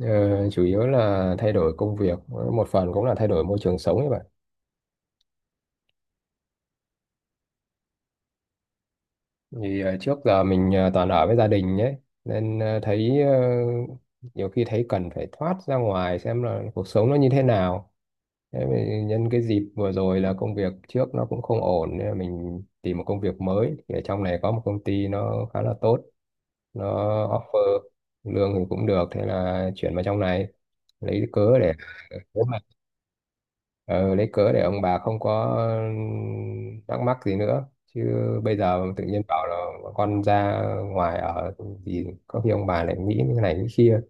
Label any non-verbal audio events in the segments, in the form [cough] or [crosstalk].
Ờ, Chủ yếu là thay đổi công việc, một phần cũng là thay đổi môi trường sống ấy bạn. Thì trước giờ mình toàn ở với gia đình nhé, nên thấy nhiều khi thấy cần phải thoát ra ngoài xem là cuộc sống nó như thế nào. Thế thì nhân cái dịp vừa rồi là công việc trước nó cũng không ổn, nên là mình tìm một công việc mới thì ở trong này có một công ty nó khá là tốt, nó offer lương thì cũng được, thế là chuyển vào trong này. Lấy cớ, ừ, để ờ, lấy cớ để ông bà không có thắc mắc gì nữa, chứ bây giờ tự nhiên bảo là con ra ngoài ở thì có khi ông bà lại nghĩ như này nghĩ kia.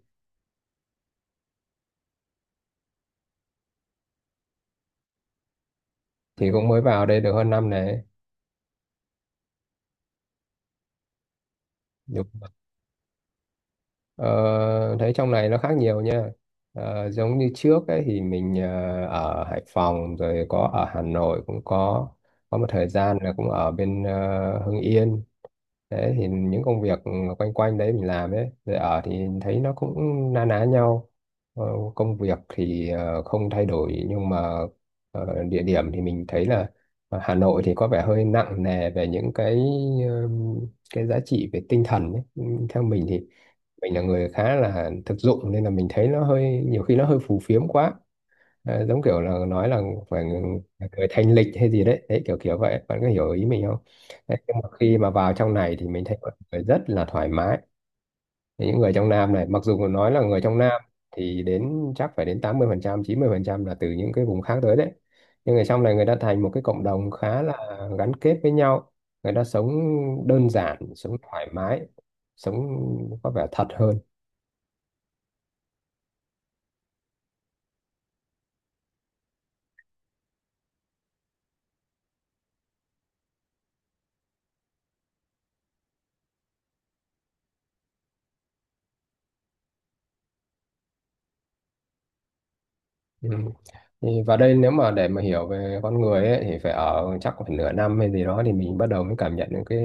Thì cũng mới vào đây được hơn năm này. Đúng. Ờ, Thấy trong này nó khác nhiều nha. Giống như trước ấy thì mình ở Hải Phòng rồi, có ở Hà Nội cũng có một thời gian là cũng ở bên Hưng Yên. Thế thì những công việc quanh quanh đấy mình làm ấy, rồi ở thì thấy nó cũng na ná nhau. Ờ, Công việc thì không thay đổi, nhưng mà địa điểm thì mình thấy là Hà Nội thì có vẻ hơi nặng nề về những ừm, cái giá trị về tinh thần ấy. Theo mình thì mình là người khá là thực dụng, nên là mình thấy nó hơi, nhiều khi nó hơi phù phiếm quá. Giống kiểu là nói là phải người thanh lịch hay gì đấy đấy, kiểu kiểu vậy, bạn có hiểu ý mình không? Đấy, nhưng mà khi mà vào trong này thì mình thấy mọi người rất là thoải mái. Thì những người trong Nam này, mặc dù nói là người trong Nam thì đến chắc phải đến 80 phần trăm 90 phần trăm là từ những cái vùng khác tới đấy, nhưng người trong này người ta thành một cái cộng đồng khá là gắn kết với nhau. Người ta sống đơn giản, sống thoải mái, sống có vẻ thật hơn. Ừ. Thì vào đây nếu mà để mà hiểu về con người ấy, thì phải ở chắc khoảng nửa năm hay gì đó thì mình bắt đầu mới cảm nhận những cái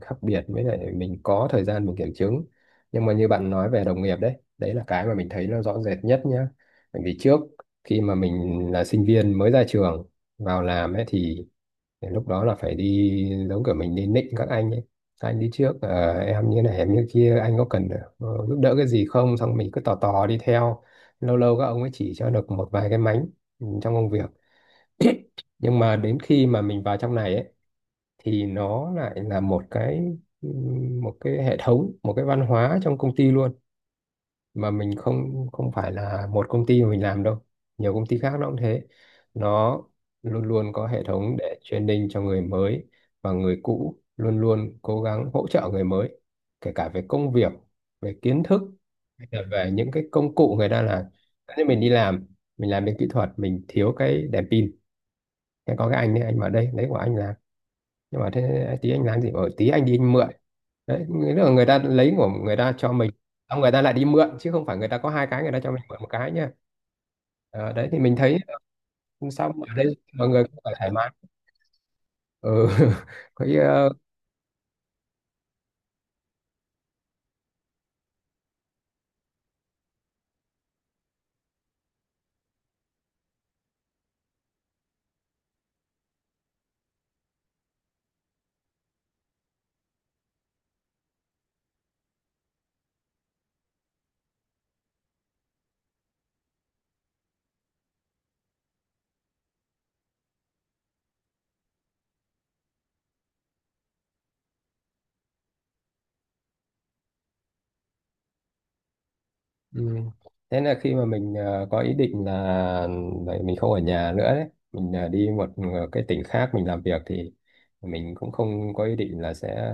khác biệt, với lại mình có thời gian mình kiểm chứng. Nhưng mà như bạn nói về đồng nghiệp đấy, đấy là cái mà mình thấy nó rõ rệt nhất nhá. Bởi vì trước khi mà mình là sinh viên mới ra trường vào làm ấy thì lúc đó là phải đi, giống kiểu mình đi nịnh các anh ấy, "Các anh đi trước em như này em như kia, anh có cần giúp đỡ cái gì không", xong mình cứ tò tò đi theo, lâu lâu các ông ấy chỉ cho được một vài cái mánh, ừ, trong công việc. [clears throat] Nhưng mà đến khi mà mình vào trong này ấy, thì nó lại là một cái, ừ, một cái hệ thống, một cái văn hóa trong công ty luôn. Mà mình không không phải là một công ty mà mình làm đâu, nhiều công ty khác nó cũng thế. Nó luôn luôn có hệ thống để training cho người mới, và người cũ luôn luôn cố gắng hỗ trợ người mới, kể cả về công việc, về kiến thức hay là về những cái công cụ người ta làm. Thế nên mình đi làm, mình làm bên kỹ thuật, mình thiếu cái đèn pin, thế có cái anh ấy, anh vào đây lấy của anh làm, nhưng mà thế tí anh làm gì ở tí anh đi anh mượn. Đấy nghĩa là người ta lấy của người ta cho mình, xong người ta lại đi mượn, chứ không phải người ta có hai cái người ta cho mình mượn một cái nha. Đấy thì mình thấy sao mà ở đây mọi người cũng phải thoải mái. Ừ. [laughs] Cái, ừ. Thế là khi mà mình có ý định là vậy mình không ở nhà nữa đấy, mình đi một cái tỉnh khác mình làm việc, thì mình cũng không có ý định là sẽ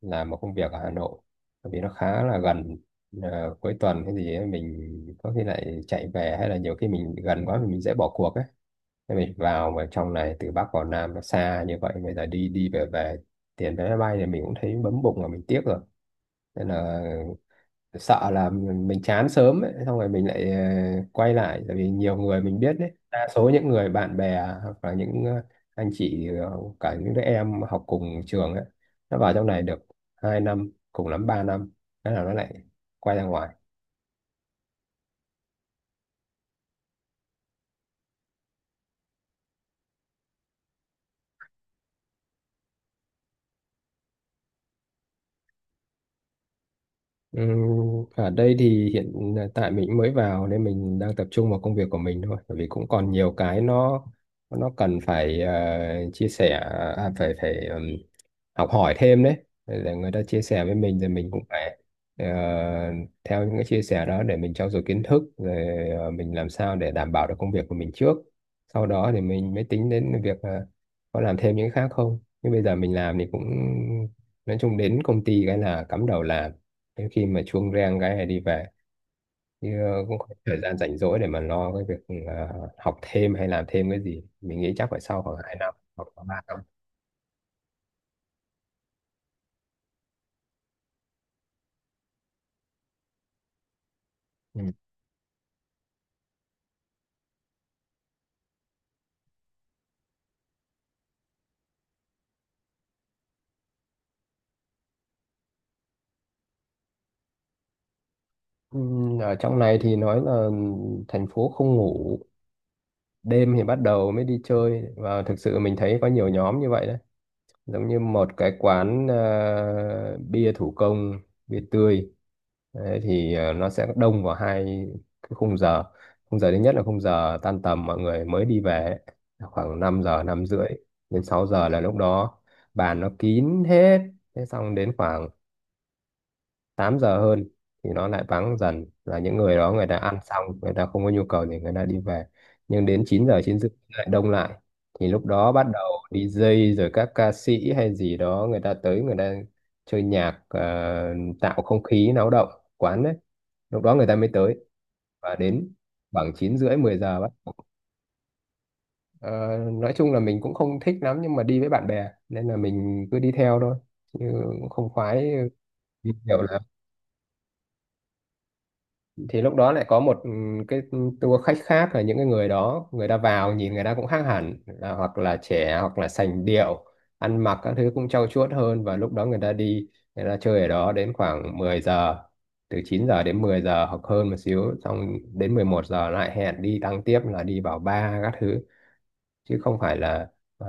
làm một công việc ở Hà Nội, bởi vì nó khá là gần. Cuối tuần cái gì ấy, mình có khi lại chạy về, hay là nhiều khi mình gần quá thì mình dễ bỏ cuộc ấy. Thế mình vào mà trong này từ Bắc vào Nam nó xa như vậy, bây giờ đi đi về về tiền vé máy bay thì mình cũng thấy bấm bụng là mình tiếc rồi. Nên là sợ là mình chán sớm ấy, xong rồi mình lại quay lại. Tại vì nhiều người mình biết đấy, đa số những người bạn bè, hoặc là những anh chị, cả những đứa em học cùng trường ấy, nó vào trong này được 2 năm, cùng lắm 3 năm, thế là nó lại quay ra ngoài. Ừ, ở đây thì hiện tại mình cũng mới vào nên mình đang tập trung vào công việc của mình thôi, bởi vì cũng còn nhiều cái nó cần phải chia sẻ, à, phải phải học hỏi thêm đấy. Để người ta chia sẻ với mình thì mình cũng phải ờ, theo những cái chia sẻ đó để mình trau dồi kiến thức, rồi mình làm sao để đảm bảo được công việc của mình trước, sau đó thì mình mới tính đến việc có làm thêm những cái khác không. Nhưng bây giờ mình làm thì cũng, nói chung đến công ty cái là cắm đầu làm, đến khi mà chuông reng cái này đi về, chứ cũng không có thời gian rảnh rỗi để mà lo cái việc học thêm hay làm thêm cái gì. Mình nghĩ chắc phải sau khoảng hai năm hoặc là 3 năm. Ừ. Ừ, ở trong này thì nói là thành phố không ngủ, đêm thì bắt đầu mới đi chơi, và thực sự mình thấy có nhiều nhóm như vậy đấy. Giống như một cái quán bia thủ công, bia tươi, đấy, thì nó sẽ đông vào hai cái khung giờ. Khung giờ thứ nhất là khung giờ tan tầm mọi người mới đi về ấy, là khoảng 5 giờ 5 rưỡi đến 6 giờ, là lúc đó bàn nó kín hết. Thế xong đến khoảng 8 giờ hơn thì nó lại vắng dần, là những người đó người ta ăn xong người ta không có nhu cầu thì người ta đi về. Nhưng đến 9 giờ chín rưỡi lại đông lại, thì lúc đó bắt đầu đi DJ rồi các ca sĩ hay gì đó người ta tới, người ta chơi nhạc, tạo không khí náo động quán đấy, lúc đó người ta mới tới. Và đến khoảng 9 rưỡi 10 giờ bắt đầu. Ờ, nói chung là mình cũng không thích lắm, nhưng mà đi với bạn bè nên là mình cứ đi theo thôi, chứ cũng không khoái đi nhiều lắm. Thì lúc đó lại có một, ừ, cái tour khách khác, là những cái người đó người ta vào nhìn người ta cũng khác hẳn, là hoặc là trẻ hoặc là sành điệu, ăn mặc các thứ cũng trau chuốt hơn, và lúc đó người ta đi, người ta chơi ở đó đến khoảng 10 giờ, từ 9 giờ đến 10 giờ hoặc hơn một xíu, xong đến 11 giờ lại hẹn đi tăng tiếp là đi vào bar các thứ. Chứ không phải là ờ,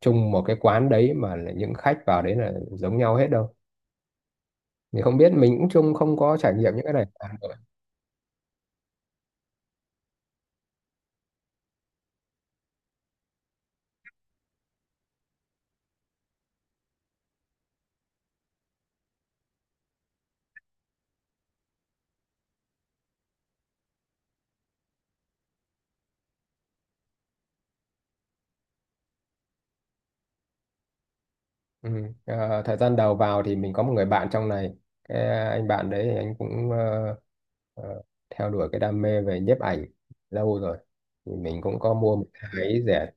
chung một cái quán đấy mà là những khách vào đấy là giống nhau hết đâu. Thì không biết mình cũng chung không có trải nghiệm những cái này. Ừ. Thời gian đầu vào thì mình có một người bạn trong này, cái anh bạn đấy thì anh cũng ờ, theo đuổi cái đam mê về nhiếp ảnh lâu rồi, thì mình cũng có mua một cái máy rẻ,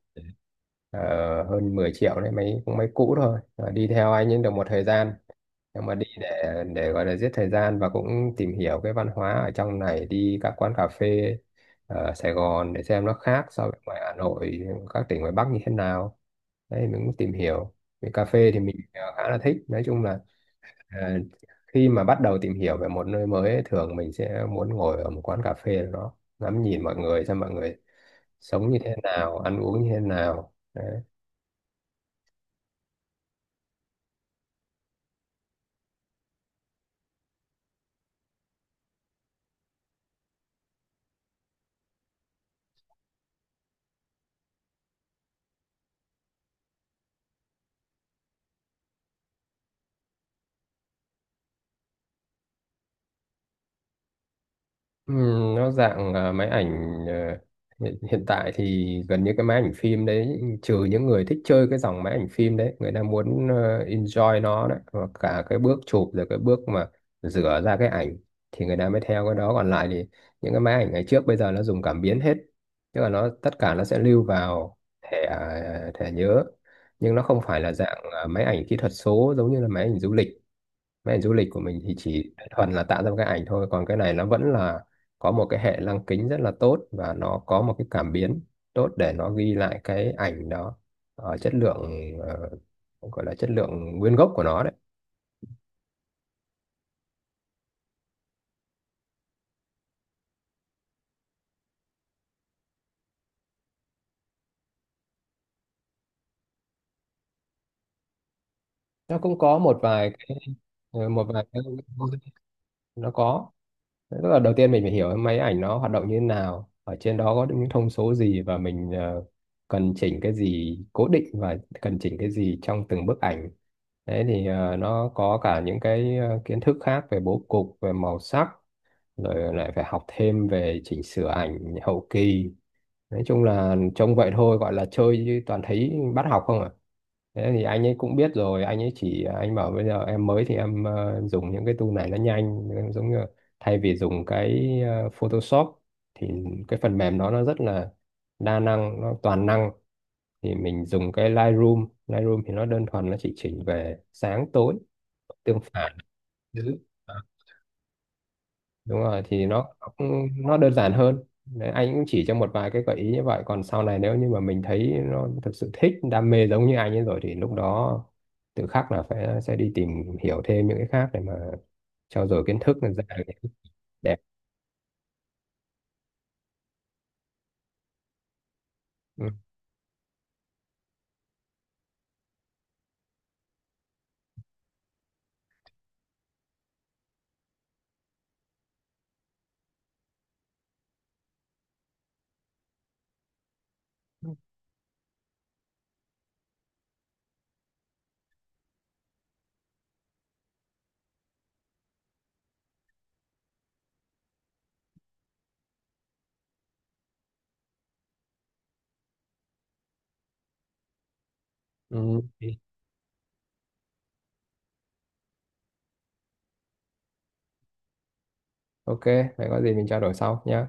hơn 10 triệu đấy, máy cũng máy cũ thôi. Ờ, đi theo anh ấy được một thời gian, nhưng mà đi để gọi là giết thời gian và cũng tìm hiểu cái văn hóa ở trong này, đi các quán cà phê ở Sài Gòn để xem nó khác so với ngoài Hà Nội, các tỉnh ngoài Bắc như thế nào. Đấy, mình cũng tìm hiểu về cà phê, thì mình khá là thích. Nói chung là ờ, khi mà bắt đầu tìm hiểu về một nơi mới ấy, thường mình sẽ muốn ngồi ở một quán cà phê nào đó ngắm nhìn mọi người, xem mọi người sống như thế nào, ăn uống như thế nào. Ừ, nó dạng máy ảnh, hiện tại thì gần như cái máy ảnh phim đấy, trừ những người thích chơi cái dòng máy ảnh phim đấy người ta muốn enjoy nó đấy, và cả cái bước chụp rồi cái bước mà rửa ra cái ảnh, thì người ta mới theo cái đó. Còn lại thì những cái máy ảnh ngày trước bây giờ nó dùng cảm biến hết, tức là nó tất cả nó sẽ lưu vào thẻ, à, thẻ nhớ. Nhưng nó không phải là dạng máy ảnh kỹ thuật số giống như là máy ảnh du lịch. Mấy ảnh du lịch của mình thì chỉ thuần là tạo ra một cái ảnh thôi, còn cái này nó vẫn là có một cái hệ lăng kính rất là tốt, và nó có một cái cảm biến tốt để nó ghi lại cái ảnh đó ở chất lượng, ờ, gọi là chất lượng nguyên gốc của nó đấy. Nó cũng có một vài cái, nó có. Tức là đầu tiên mình phải hiểu máy ảnh nó hoạt động như thế nào, ở trên đó có những thông số gì, và mình cần chỉnh cái gì cố định và cần chỉnh cái gì trong từng bức ảnh. Đấy thì nó có cả những cái kiến thức khác về bố cục, về màu sắc, rồi lại phải học thêm về chỉnh sửa ảnh hậu kỳ. Nói chung là trông vậy thôi, gọi là chơi chứ toàn thấy bắt học không à. Thế thì anh ấy cũng biết rồi, anh ấy chỉ, anh bảo bây giờ em mới thì em dùng những cái tool này nó nhanh em, giống như là thay vì dùng cái Photoshop thì cái phần mềm đó nó rất là đa năng, nó toàn năng, thì mình dùng cái Lightroom. Lightroom thì nó đơn thuần nó chỉ chỉnh về sáng tối, tương phản. Ừ, đúng rồi, thì nó đơn giản hơn. Đấy, anh cũng chỉ cho một vài cái gợi ý như vậy. Còn sau này nếu như mà mình thấy nó thực sự thích đam mê giống như anh ấy rồi, thì lúc đó tự khắc là phải sẽ đi tìm hiểu thêm những cái khác để mà trau dồi kiến thức là ra được những cái đẹp. Ừ. Ừ. Ok, vậy có gì mình trao đổi sau nhé.